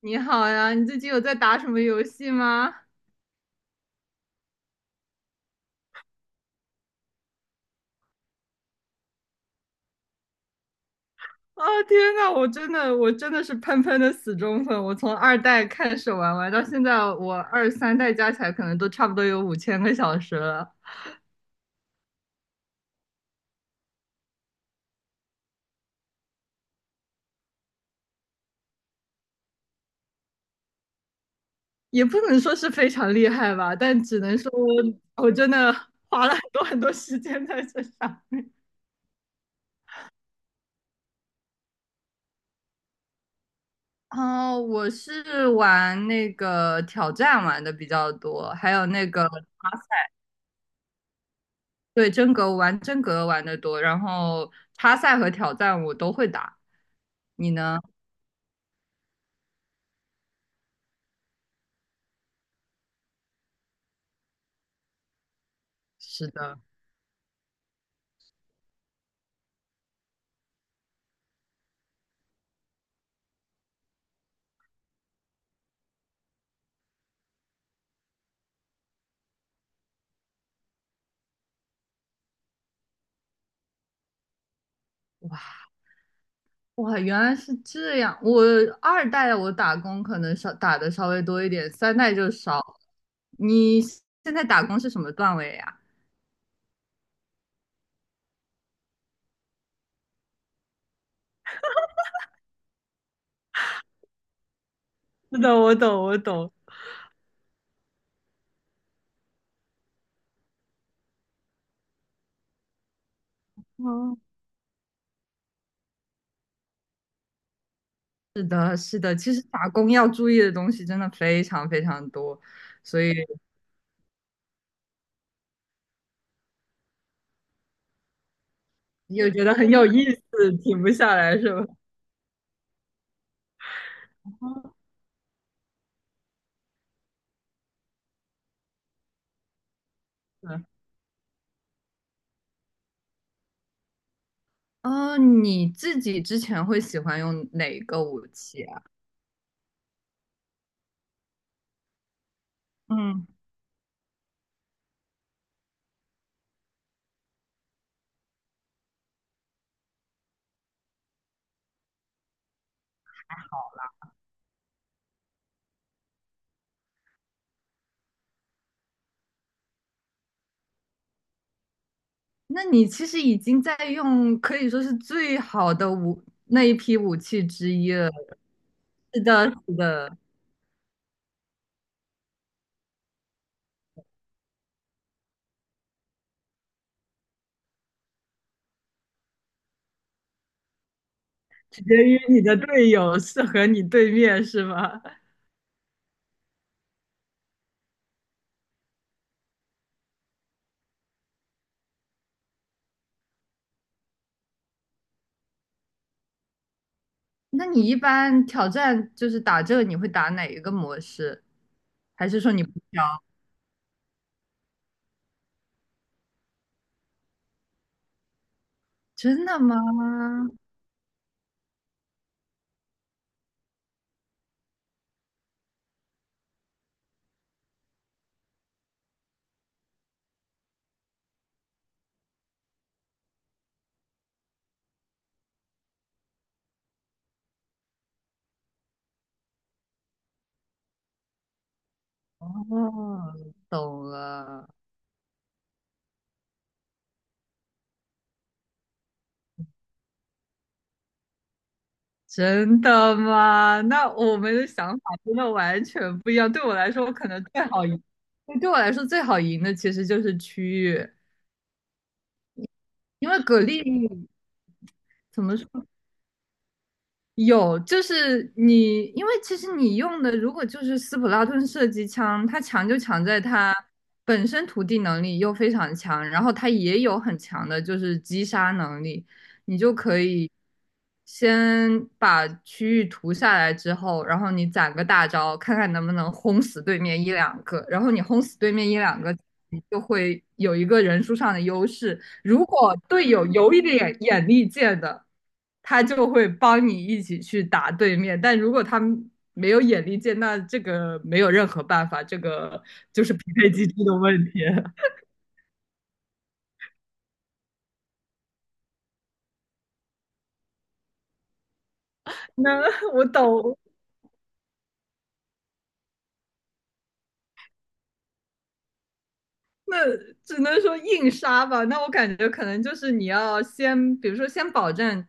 你好呀，你最近有在打什么游戏吗？啊，天呐，我真的是喷喷的死忠粉，我从二代开始玩玩到现在，我二三代加起来可能都差不多有5000个小时了。也不能说是非常厉害吧，但只能说我真的花了很多很多时间在这上。哦，我是玩那个挑战玩的比较多，还有那个对真格玩真格玩的多。然后插赛和挑战我都会打。你呢？是的，哇，原来是这样。我二代我打工可能打的稍微多一点，三代就少了。你现在打工是什么段位呀？是的，我懂，我懂。哦，是的，是的，其实打工要注意的东西真的非常非常多。所以又觉得很有意思，停不下来是吧？嗯，哦你自己之前会喜欢用哪一个武器啊？嗯。那你其实已经在用，可以说是最好的那一批武器之一了。是的，是的，取决于你的队友是和你对面是吗？那你一般挑战就是打这个，你会打哪一个模式？还是说你不挑？真的吗？哦，懂了。真的吗？那我们的想法真的完全不一样。对我来说，我可能最好赢，对我来说最好赢的其实就是区域。因为蛤蜊怎么说？有，就是你，因为其实你用的如果就是斯普拉顿射击枪，它强就强在它本身涂地能力又非常强，然后它也有很强的就是击杀能力。你就可以先把区域涂下来之后，然后你攒个大招，看看能不能轰死对面一两个。然后你轰死对面一两个，你就会有一个人数上的优势。如果队友有一点眼力见的，他就会帮你一起去打对面。但如果他们没有眼力见，那这个没有任何办法，这个就是匹配机制的问题。那我懂，那只能说硬杀吧。那我感觉可能就是你要先，比如说先保证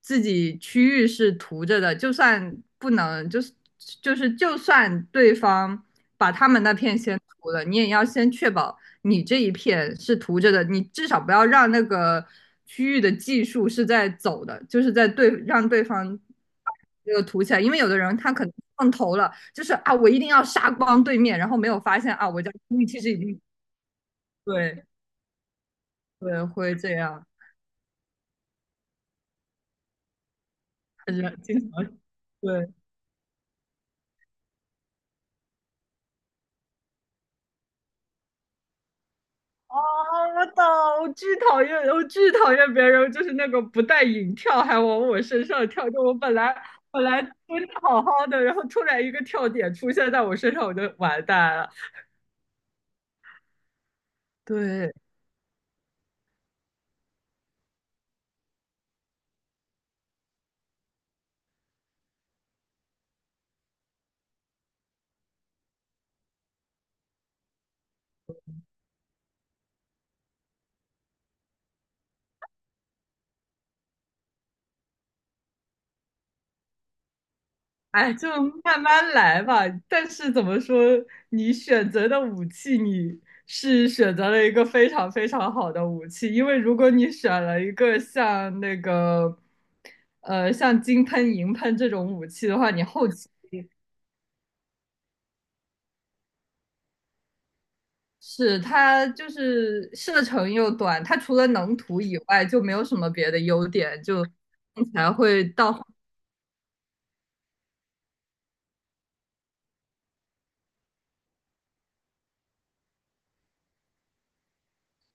自己区域是涂着的，就算不能，就是就算对方把他们那片先涂了，你也要先确保你这一片是涂着的，你至少不要让那个区域的技术是在走的，就是在让对方。这个涂起来，因为有的人他可能上头了，就是啊，我一定要杀光对面，然后没有发现啊，我家区域其实已经对对，会这样，他就经常对。啊，我懂，我巨讨厌，我巨讨厌别人就是那个不带引跳还往我身上跳，就我本来蹲的好好的，然后突然一个跳点出现在我身上，我就完蛋了。对。哎，就慢慢来吧。但是怎么说，你选择的武器，你是选择了一个非常非常好的武器，因为如果你选了一个像那个，像金喷、银喷这种武器的话，你后期是它就是射程又短，它除了能涂以外就没有什么别的优点，就起来会到后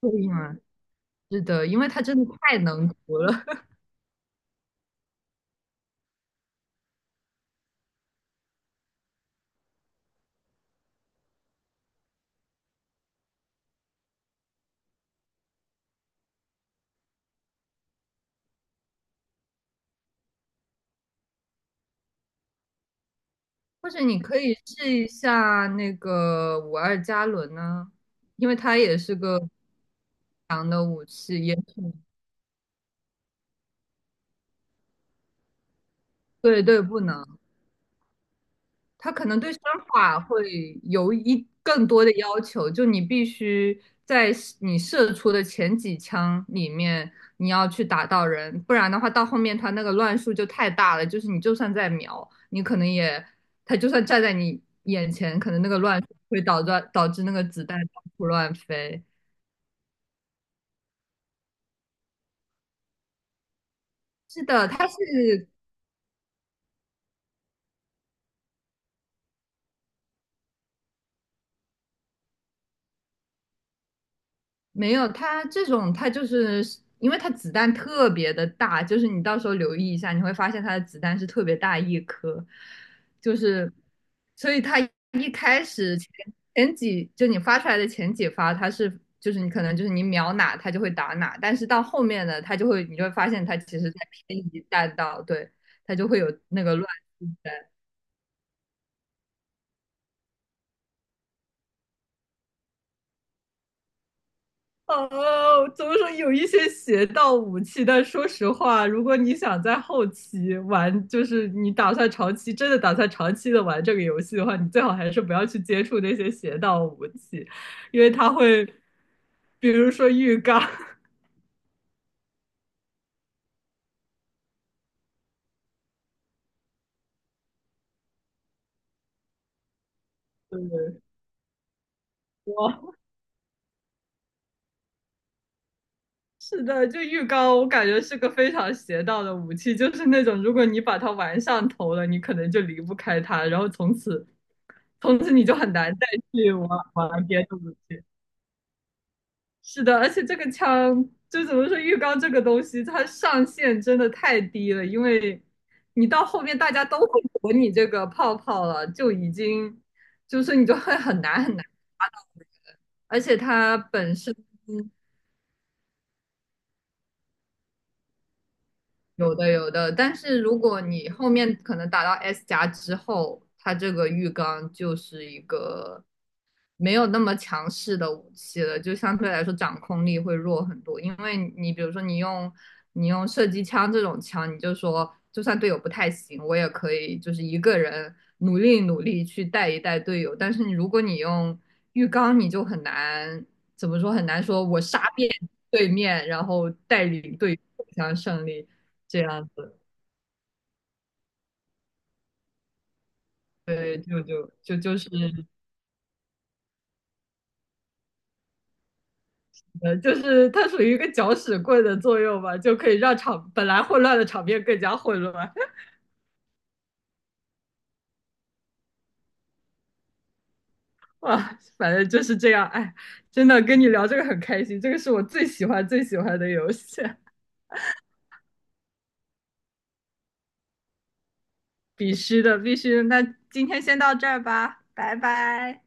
面。是的，因为它真的太能涂了。或者你可以试一下那个五二加仑呢，因为它也是个武器，也对对不能，它可能对身法会有一更多的要求，就你必须在你射出的前几枪里面，你要去打到人，不然的话到后面它那个乱数就太大了，就是你就算在瞄，你可能也，它就算站在你眼前，可能那个乱数会导致那个子弹到处乱飞。是的，它是没有，它这种它就是因为它子弹特别的大，就是你到时候留意一下，你会发现它的子弹是特别大一颗，就是所以它一开始前几就你发出来的前几发，它是就是你可能就是你瞄哪它就会打哪，但是到后面呢，它就会你就会发现它其实在偏移弹道，对，它就会有那个乱。哦，怎么说有一些邪道武器，但说实话，如果你想在后期玩，就是你打算长期真的打算长期的玩这个游戏的话，你最好还是不要去接触那些邪道武器，因为它会，比如说浴缸。对哇，我是的，就浴缸，我感觉是个非常邪道的武器，就是那种如果你把它玩上头了，你可能就离不开它，然后从此你就很难再去玩玩别的武器。是的，而且这个枪就怎么说，浴缸这个东西，它上限真的太低了，因为你到后面大家都会躲你这个泡泡了，就已经就是你就会很难很难，而且它本身有的有的，但是如果你后面可能打到 S 加之后，它这个浴缸就是一个没有那么强势的武器了，就相对来说掌控力会弱很多。因为你比如说你用射击枪这种枪，你就说就算队友不太行，我也可以就是一个人努力努力去带一带队友。但是你如果用浴缸，你就很难怎么说很难说我杀遍对面，然后带领队友走向胜利这样子。对，就是它属于一个搅屎棍的作用吧，就可以让本来混乱的场面更加混乱。哇，反正就是这样。哎，真的跟你聊这个很开心，这个是我最喜欢最喜欢的游戏。必须的，必须的。那今天先到这儿吧，拜拜。